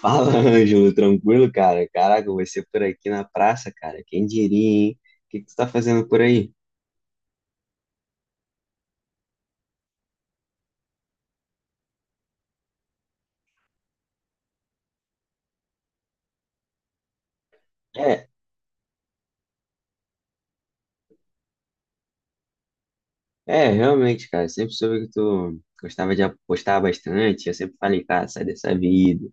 Fala, Ângelo, tranquilo, cara? Caraca, vai ser por aqui na praça, cara. Quem diria, hein? O que que tu tá fazendo por aí? É, realmente, cara. Sempre soube que tu gostava de apostar bastante. Eu sempre falei, cara, sai dessa vida,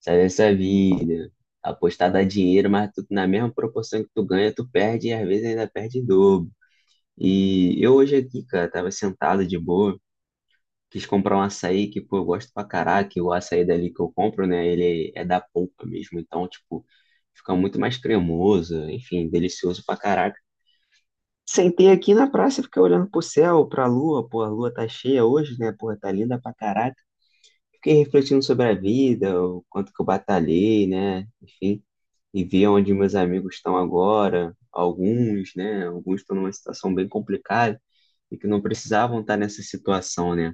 sai dessa vida. Apostar dá dinheiro, mas tu, na mesma proporção que tu ganha, tu perde e às vezes ainda perde em dobro. E eu hoje aqui, cara, tava sentado de boa. Quis comprar um açaí que, pô, eu gosto pra caraca, e o açaí dali que eu compro, né? Ele é da polpa mesmo, então, tipo, fica muito mais cremoso, enfim, delicioso pra caraca. Sentei aqui na praça, fiquei olhando pro céu, pra lua, pô, a lua tá cheia hoje, né? Porra, tá linda pra caraca. Fiquei refletindo sobre a vida, o quanto que eu batalhei, né? Enfim, e vi onde meus amigos estão agora, alguns, né? Alguns estão numa situação bem complicada e que não precisavam estar nessa situação, né?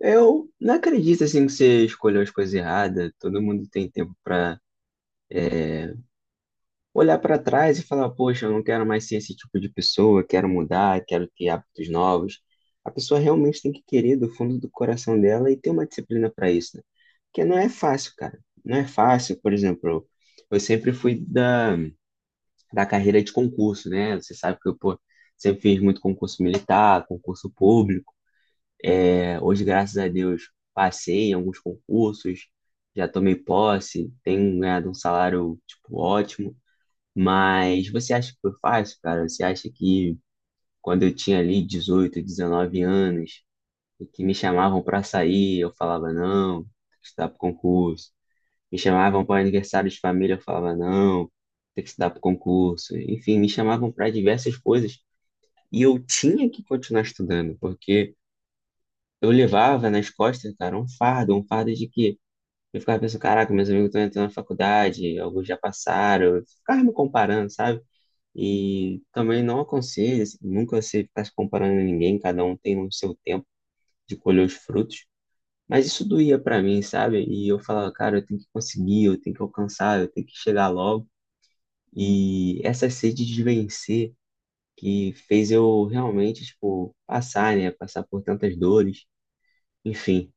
Eu não acredito assim que você escolheu as coisas erradas. Todo mundo tem tempo pra olhar pra trás e falar, poxa, eu não quero mais ser esse tipo de pessoa, quero mudar, quero ter hábitos novos. A pessoa realmente tem que querer do fundo do coração dela e ter uma disciplina pra isso, né? Porque não é fácil, cara. Não é fácil, por exemplo, eu sempre fui da carreira de concurso, né? Você sabe que eu, pô, sempre fiz muito concurso militar, concurso público. É, hoje, graças a Deus, passei em alguns concursos, já tomei posse, tenho ganhado um salário, tipo, ótimo. Mas você acha que foi fácil, cara? Você acha que quando eu tinha ali 18, 19 anos, e que me chamavam pra sair, eu falava não, tem que estudar pro concurso. Me chamavam para aniversário de família, eu falava não, tem que estudar pro concurso. Enfim, me chamavam para diversas coisas e eu tinha que continuar estudando, porque eu levava nas costas, cara, um fardo de que eu ficava pensando, caraca, meus amigos estão entrando na faculdade, alguns já passaram, eu ficava me comparando, sabe? E também não aconselho, assim, nunca você ficar se comparando a ninguém, cada um tem o seu tempo de colher os frutos, mas isso doía pra mim, sabe? E eu falava, cara, eu tenho que conseguir, eu tenho que alcançar, eu tenho que chegar logo. E essa sede de vencer que fez eu realmente, tipo, passar, né? Passar por tantas dores, enfim.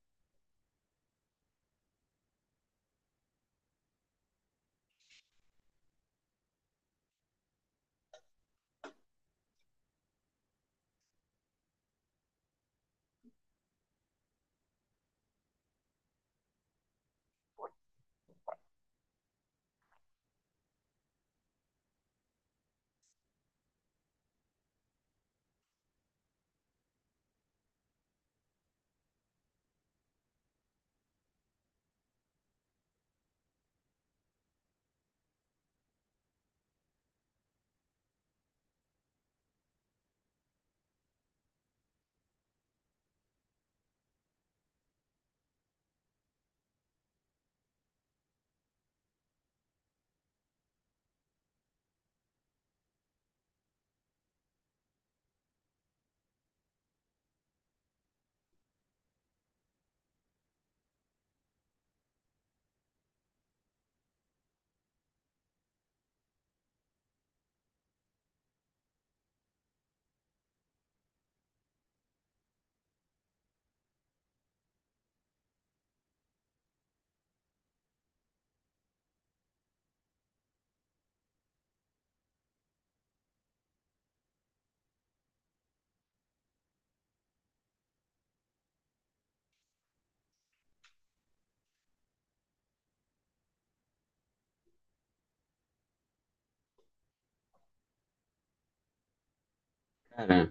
Cara,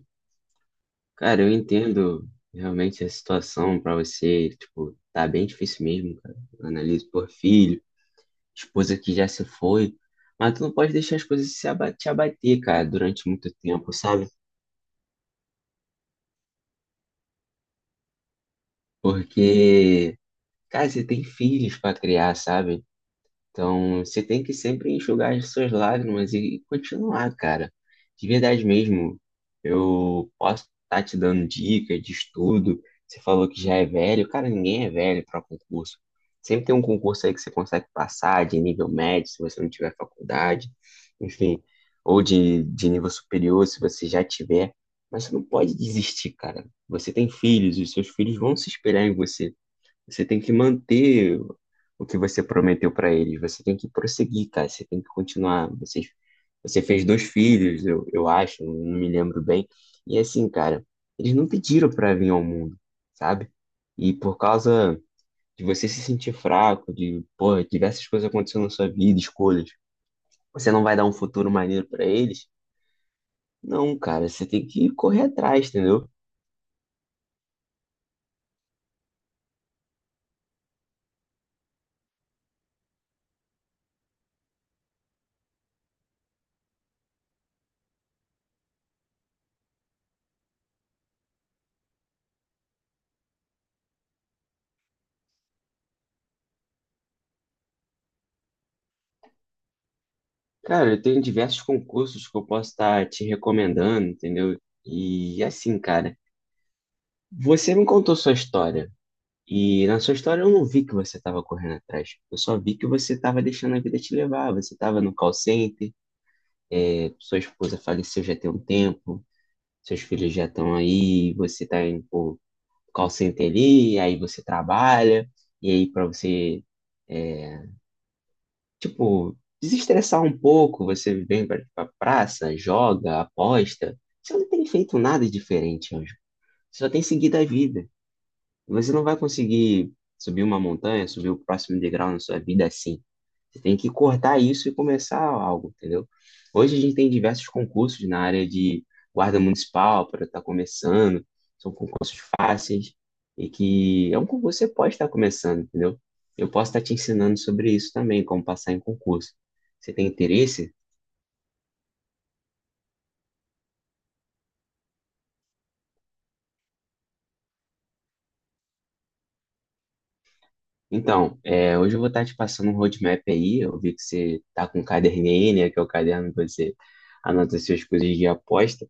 Cara, eu entendo realmente a situação pra você, tipo, tá bem difícil mesmo, cara. Analise por filho, esposa que já se foi, mas tu não pode deixar as coisas se aba- te abater, cara, durante muito tempo, sabe? Porque, cara, você tem filhos pra criar, sabe? Então, você tem que sempre enxugar as suas lágrimas e continuar, cara. De verdade mesmo, eu posso estar te dando dicas de estudo. Você falou que já é velho. Cara, ninguém é velho para concurso. Sempre tem um concurso aí que você consegue passar de nível médio, se você não tiver faculdade, enfim, ou de nível superior, se você já tiver. Mas você não pode desistir, cara. Você tem filhos, os seus filhos vão se esperar em você. Você tem que manter o que você prometeu para eles. Você tem que prosseguir, cara. Você tem que continuar. Você fez dois filhos, eu acho, não me lembro bem. E assim, cara, eles não pediram para vir ao mundo, sabe? E por causa de você se sentir fraco, de, porra, diversas coisas acontecendo na sua vida, escolhas, você não vai dar um futuro maneiro para eles? Não, cara, você tem que correr atrás, entendeu? Cara, eu tenho diversos concursos que eu posso estar te recomendando, entendeu? E assim, cara, você me contou sua história. E na sua história eu não vi que você estava correndo atrás. Eu só vi que você estava deixando a vida te levar. Você estava no call center, sua esposa faleceu já tem um tempo, seus filhos já estão aí, você está indo pro call center ali, aí você trabalha, e aí para você. é, Tipo, desestressar um pouco, você vem pra, pra praça, joga, aposta. Você não tem feito nada diferente, Anjo. Você só tem seguido a vida. Você não vai conseguir subir uma montanha, subir o próximo degrau na sua vida assim. Você tem que cortar isso e começar algo, entendeu? Hoje a gente tem diversos concursos na área de guarda municipal para estar começando. São concursos fáceis e que é um concurso que você pode estar começando, entendeu? Eu posso estar te ensinando sobre isso também, como passar em concurso. Você tem interesse? Então, é, hoje eu vou estar te passando um roadmap aí. Eu vi que você está com um caderninho, aí, né, que é o caderno que você anota as suas coisas de aposta.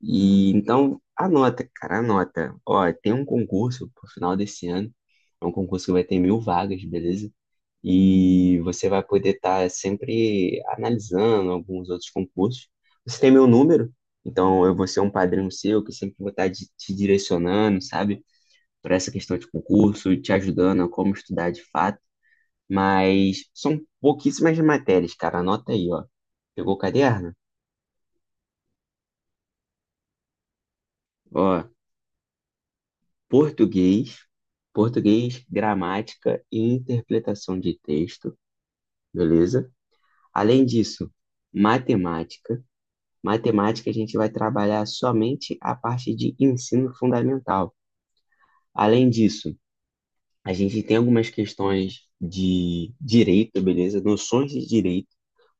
E então, anota, cara, anota. Ó, tem um concurso pro final desse ano. É um concurso que vai ter 1000 vagas, beleza? E você vai poder estar sempre analisando alguns outros concursos. Você tem meu número, então eu vou ser um padrinho seu que sempre vou estar te direcionando, sabe? Para essa questão de concurso, te ajudando a como estudar de fato. Mas são pouquíssimas matérias, cara. Anota aí, ó. Pegou o caderno? Ó, português, português, gramática e interpretação de texto, beleza? Além disso, matemática. Matemática a gente vai trabalhar somente a parte de ensino fundamental. Além disso, a gente tem algumas questões de direito, beleza? Noções de direito.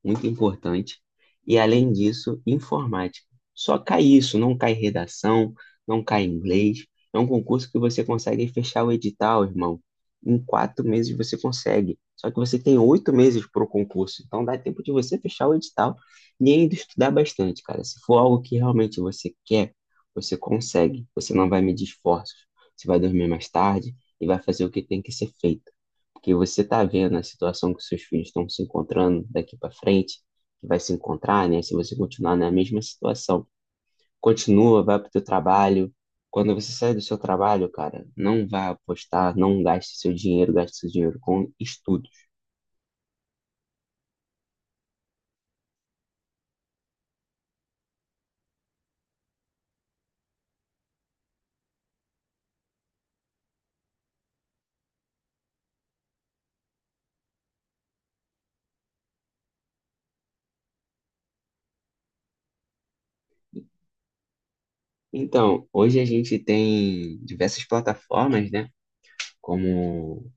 Muito importante. E além disso, informática. Só cai isso, não cai redação, não cai inglês. É um concurso que você consegue fechar o edital, irmão. Em 4 meses você consegue. Só que você tem 8 meses para o concurso. Então dá tempo de você fechar o edital e ainda estudar bastante, cara. Se for algo que realmente você quer, você consegue. Você não vai medir esforços. Você vai dormir mais tarde e vai fazer o que tem que ser feito. Porque você tá vendo a situação que seus filhos estão se encontrando daqui para frente, que vai se encontrar, né? Se você continuar na mesma situação. Continua, vai pro teu trabalho. Quando você sai do seu trabalho, cara, não vá apostar, não gaste seu dinheiro, gaste seu dinheiro com estudos. Então, hoje a gente tem diversas plataformas, né? Como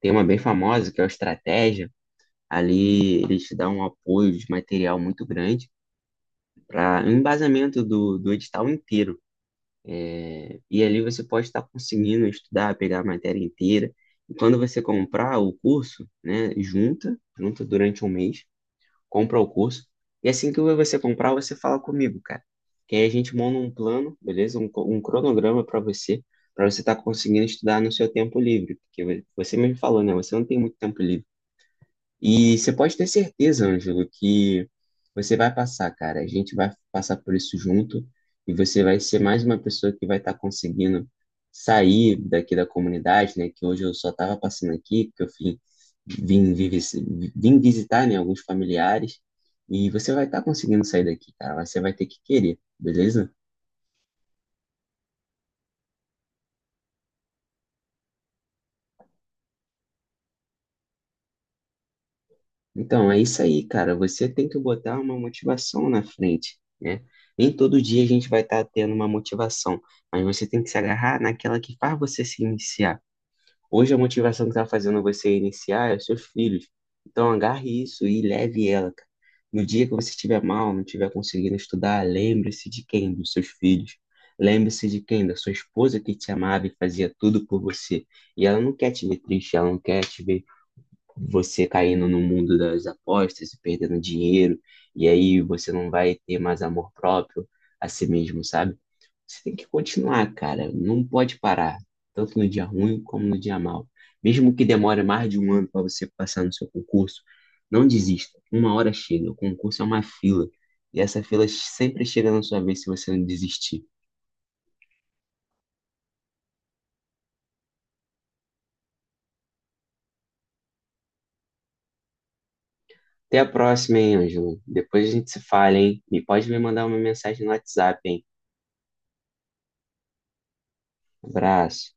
tem uma bem famosa, que é o Estratégia. Ali eles te dão um apoio de material muito grande para o embasamento do edital inteiro. E ali você pode estar conseguindo estudar, pegar a matéria inteira. E quando você comprar o curso, né, junta, junta durante um mês, compra o curso. E assim que você comprar, você fala comigo, cara. Que aí a gente monta um plano, beleza? Um, um cronograma para você estar conseguindo estudar no seu tempo livre. Porque você mesmo falou, né? Você não tem muito tempo livre. E você pode ter certeza, Ângelo, que você vai passar, cara. A gente vai passar por isso junto e você vai ser mais uma pessoa que vai estar conseguindo sair daqui da comunidade, né? Que hoje eu só estava passando aqui, porque eu vim visitar, né, alguns familiares. E você vai estar conseguindo sair daqui, cara. Mas você vai ter que querer, beleza? Então, é isso aí, cara. Você tem que botar uma motivação na frente, né? Nem todo dia a gente vai estar tendo uma motivação, mas você tem que se agarrar naquela que faz você se iniciar. Hoje a motivação que está fazendo você iniciar é os seus filhos. Então, agarre isso e leve ela, cara. No dia que você estiver mal, não estiver conseguindo estudar, lembre-se de quem? Dos seus filhos. Lembre-se de quem? Da sua esposa que te amava e fazia tudo por você. E ela não quer te ver triste, ela não quer te ver você caindo no mundo das apostas e perdendo dinheiro, e aí você não vai ter mais amor próprio a si mesmo, sabe? Você tem que continuar, cara, não pode parar, tanto no dia ruim como no dia mal. Mesmo que demore mais de um ano para você passar no seu concurso, não desista, uma hora chega, o concurso é uma fila, e essa fila sempre chega na sua vez se você não desistir. Até a próxima, hein, Ângelo? Depois a gente se fala, hein? E pode me mandar uma mensagem no WhatsApp, hein? Abraço.